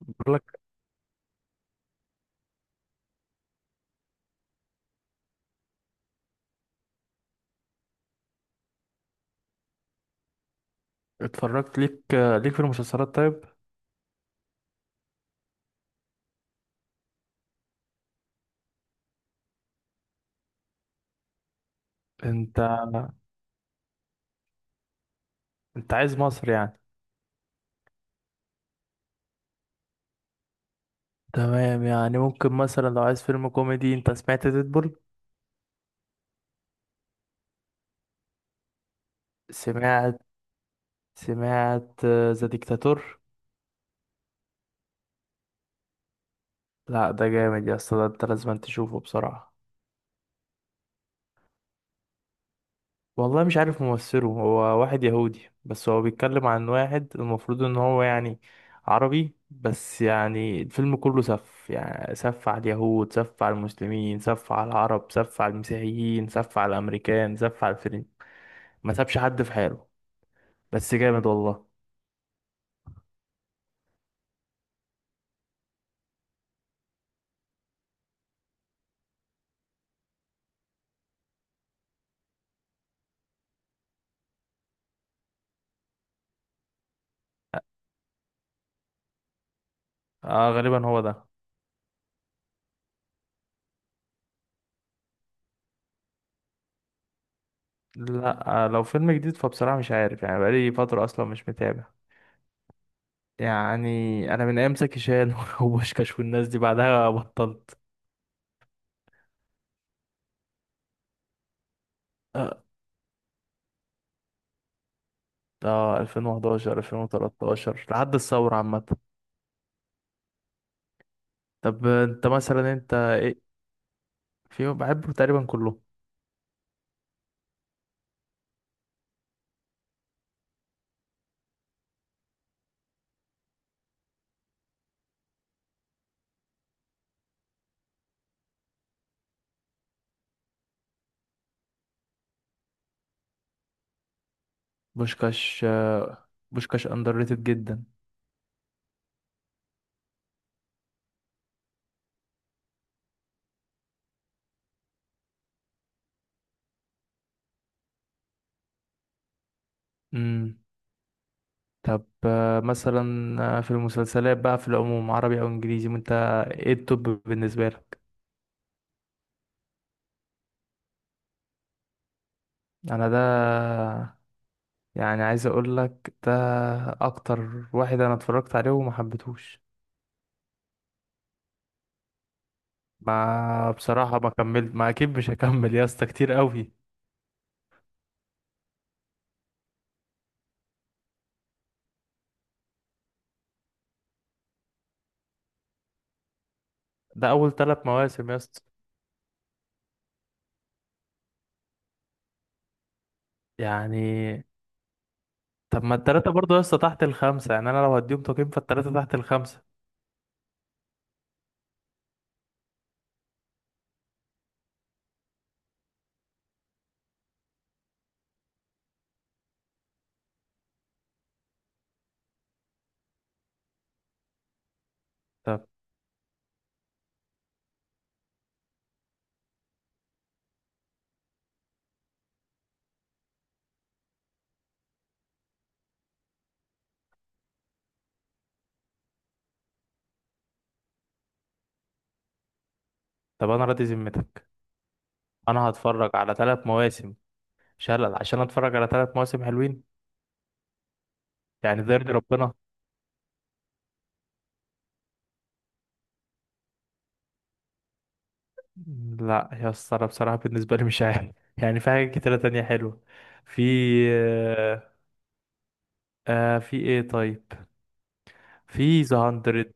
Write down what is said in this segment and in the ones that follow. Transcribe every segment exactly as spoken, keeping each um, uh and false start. بقول لك. اتفرجت ليك ليك في المسلسلات؟ طيب، انت انت عايز مصر يعني؟ تمام، يعني ممكن مثلا لو عايز فيلم كوميدي، انت سمعت ديدبول؟ سمعت سمعت ذا ديكتاتور؟ لا ده جامد يا اسطى، ده انت لازم تشوفه بصراحة. والله مش عارف ممثله، هو واحد يهودي بس هو بيتكلم عن واحد المفروض ان هو يعني عربي، بس يعني الفيلم كله سف، يعني سف على اليهود، سف على المسلمين، سف على العرب، سف على المسيحيين، سف على الامريكان، سف على الفرن. ما سابش حد في حاله، بس جامد والله. اه غالبا هو ده. لا آه، لو فيلم جديد فبصراحة مش عارف، يعني بقالي فترة اصلا مش متابع يعني. انا من ايام زكي شان وبوشكاش والناس دي، بعدها بطلت. اه ألفين وحداشر ألفين وتلتاشر لحد الثورة عامة. طب انت مثلا انت ايه في بحبه تقريبا كله؟ بوشكاش، آه، بوشكاش اندر ريتد جدا. امم طب آه، مثلا، آه، في المسلسلات بقى في العموم، عربي او انجليزي، انت ايه التوب بالنسبة لك؟ انا ده، يعني عايز اقول لك ده اكتر واحد انا اتفرجت عليه وما حبيتهوش. ما بصراحة ما كملت، ما اكيد مش هكمل يا اسطى، كتير قوي. ده اول ثلاث مواسم يا اسطى، يعني طب ما التلاتة برضه يا اسطى تحت الخمسة، يعني أنا لو هديهم تقييم فالتلاتة تحت الخمسة. طب طب أنا راضي ذمتك؟ أنا هتفرج على تلات مواسم شلل عشان أتفرج على تلات مواسم حلوين؟ يعني ده يرضي ربنا؟ لا يا اسطى أنا بصراحة بالنسبة لي مش عارف يعني في حاجات كتيرة تانية حلوة. في آه، آه، في إيه طيب؟ في ذا هاندرد،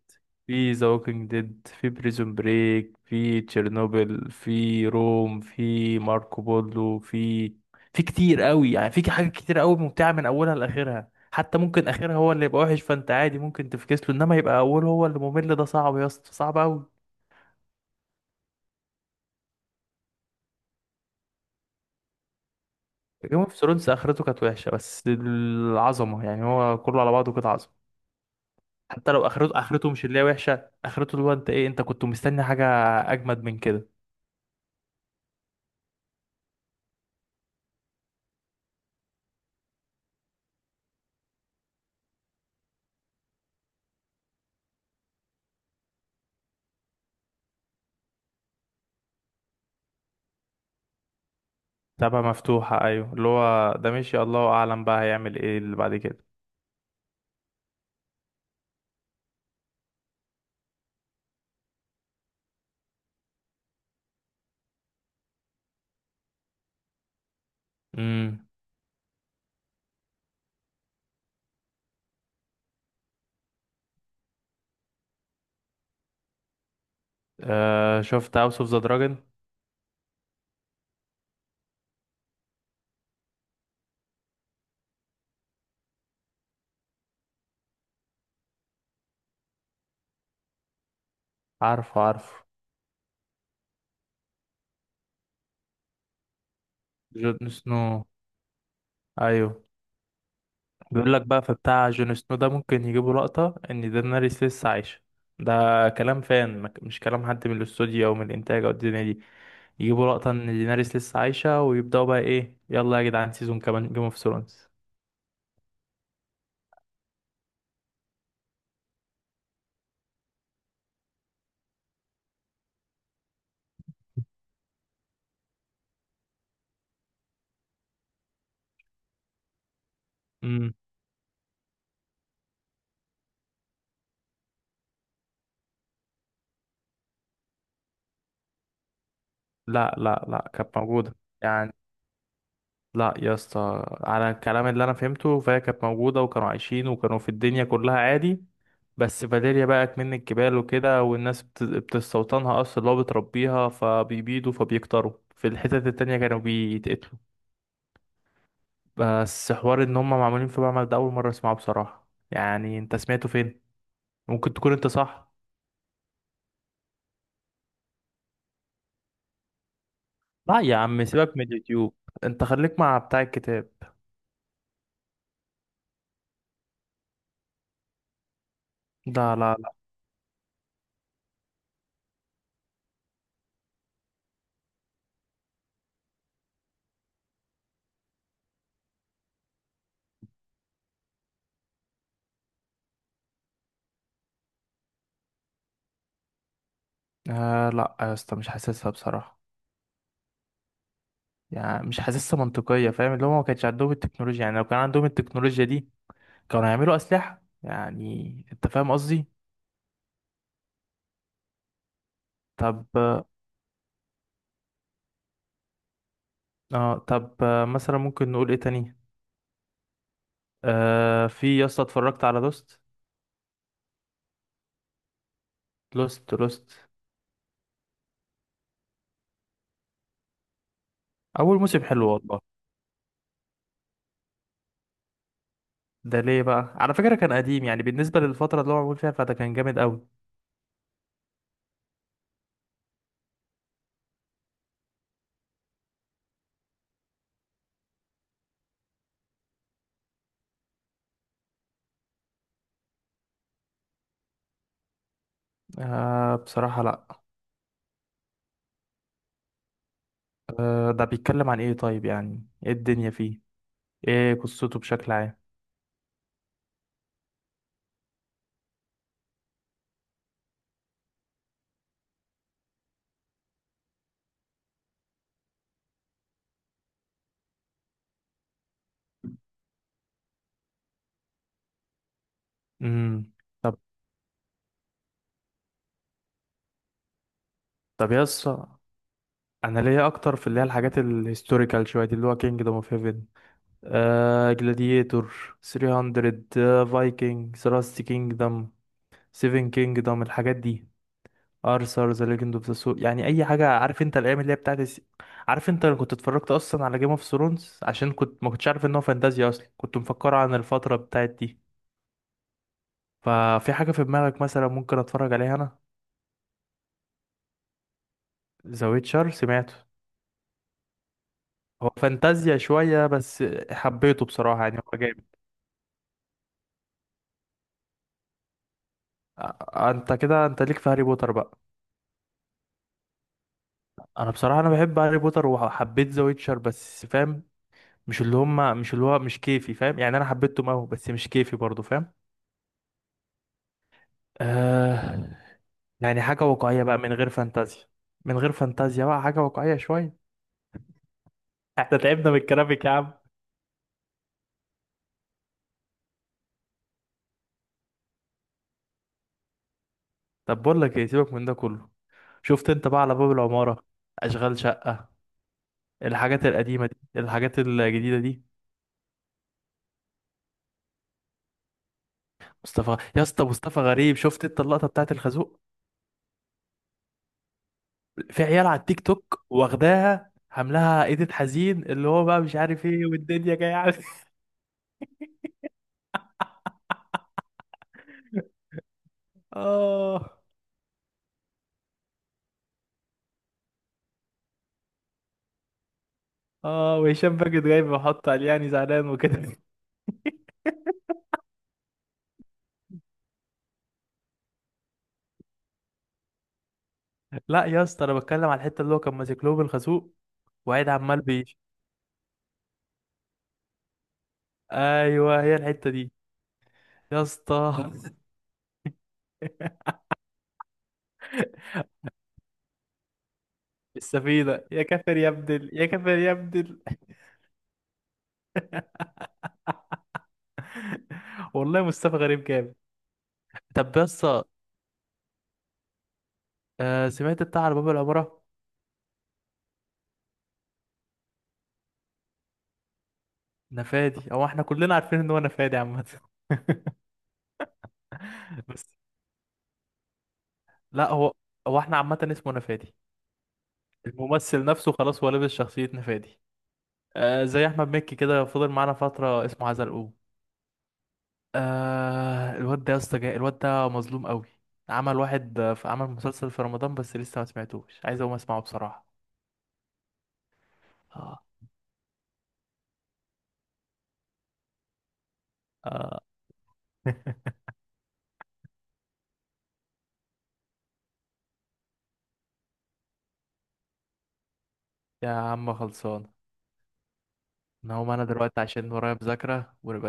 في ذا ووكينج ديد، في بريزون بريك، في تشيرنوبل، في روم، في ماركو بولو، في في كتير قوي، يعني في حاجات كتير قوي ممتعة من اولها لاخرها. حتى ممكن اخرها هو اللي يبقى وحش فانت عادي ممكن تفكس له، انما يبقى اوله هو اللي ممل ده صعب يا اسطى، صعب قوي. جيم اوف ثرونز اخرته كانت وحشة بس العظمة، يعني هو كله على بعضه كده عظمة. حتى لو اخرته، اخرته مش اللي هي وحشة، اخرته اللي هو انت ايه انت كنت مستني حاجة اجمد من كده؟ تبقى مفتوحة أيوة، اللي هو ده ماشي، الله أعلم بقى هيعمل إيه اللي بعد كده. امم. آه شفت هاوس اوف ذا دراجون؟ عارفه عارفه. جون سنو، أيوة. بيقول لك بقى في بتاع جون سنو ده ممكن يجيبوا لقطة إن دينيريس لسه عايشة. ده كلام فان، ما ك- مش كلام حد من الاستوديو أو من الإنتاج أو الدنيا دي. يجيبوا لقطة إن دينيريس لسه عايشة، ويبدأوا بقى إيه يلا يا جدعان سيزون كمان جيم اوف ثرونز. امم. لا لا لا، كانت موجودة يعني. لا يا اسطى، على الكلام اللي انا فهمته فهي كانت موجوده، وكانوا عايشين وكانوا في الدنيا كلها عادي. بس فاليريا بقت من الجبال وكده، والناس بت- بتستوطنها اصلا اللي هو بتربيها، فبيبيدوا، فبيكتروا في الحتت التانية كانوا بيتقتلوا. بس حوار ان هم معمولين في معمل ده اول مره اسمعه بصراحه، يعني انت سمعته فين؟ ممكن تكون انت صح. لا يا عم سيبك من اليوتيوب، انت خليك مع بتاع الكتاب. لا لا لا. آه لا يا اسطى مش حاسسها بصراحه، يعني مش حاسسها منطقية، فاهم اللي هو ما كانش عندهم التكنولوجيا؟ يعني لو كان عندهم التكنولوجيا دي كانوا هيعملوا أسلحة، يعني أنت فاهم قصدي. طب. اه طب آه، مثلا ممكن نقول إيه تاني؟ آه في يا اسطى، اتفرجت على لوست؟ لوست لوست. أول موسم حلو والله. ده ليه بقى، على فكرة كان قديم يعني بالنسبة للفترة اللي هو معمول فيها، فده كان جامد أوي. آه بصراحة لأ. آه ده بيتكلم عن إيه طيب؟ يعني إيه الدنيا فيه؟ إيه قصته بشكل عام؟ امم. طب. طب يا اسطى انا ليا اكتر في اللي هي الحاجات الهيستوريكال شويه دي، اللي هو كينجدوم اوف هيفن، آه جلاديتور، تلتمية، فايكنج، ثلاث كينجدم، سيفن كينجدم، الحاجات دي، ارثر ذا ليجند اوف ذا سو، يعني اي حاجه، عارف انت الايام اللي هي بتاعت الس... عارف انت انا كنت اتفرجت اصلا على جيم اوف ثرونز عشان كنت ما كنتش عارف ان هو فانتازيا، اصلا كنت مفكره عن الفتره بتاعت دي. ففي حاجه في دماغك مثلا ممكن اتفرج عليها انا؟ ذا ويتشر سمعته. هو فانتازيا شويه بس حبيته بصراحه، يعني هو جامد. آه، انت كده انت ليك في هاري بوتر بقى. انا بصراحه انا بحب هاري بوتر وحبيت ذا ويتشر بس فاهم، مش اللي هم، مش اللي هو مش كيفي فاهم؟ يعني انا حبيتهم قوي بس مش كيفي برضو فاهم. آه يعني حاجه واقعيه بقى من غير فانتازيا. من غير فانتازيا بقى، حاجه واقعيه شويه. احنا تعبنا من الكرافيك يا عم. طب بقول لك ايه، سيبك من ده كله، شفت انت بقى على باب العماره؟ اشغال شقه؟ الحاجات القديمه دي، الحاجات الجديده دي. مصطفى يا اسطى، مصطفى غريب، شفت انت اللقطه بتاعت الخازوق؟ في عيال على التيك توك واخداها عاملاها ايديت حزين، اللي هو بقى مش عارف ايه والدنيا جايه عليه اه اه وهشام ماجد جاي بيحط عليه يعني زعلان وكده لا يا اسطى انا بتكلم على الحته اللي هو كان ماسك له بالخازوق وقاعد عمال بيش. ايوه هي الحته دي يا اسطى السفينه، يا كافر يا ابدل، يا كافر يا ابدل والله مصطفى غريب جامد. طب يا اسطى، آه، سمعت بتاع على باب العماره؟ نفادي، هو احنا كلنا عارفين ان هو نفادي عامه بس لا هو، هو احنا عامة اسمه نفادي، الممثل نفسه خلاص هو لابس شخصية نفادي. آه زي احمد مكي كده، فضل معانا فترة اسمه عزلقوه. آه الواد ده يا اسطى جاي- الواد ده مظلوم قوي. عمل واحد آه، في، عمل مسلسل في رمضان بس لسه ما سمعتوش، عايز اقوم اسمعه بصراحة. آه. آه. يا عم خلصان. انا هقوم انا دلوقتي عشان ورايا مذاكرة، ونبقى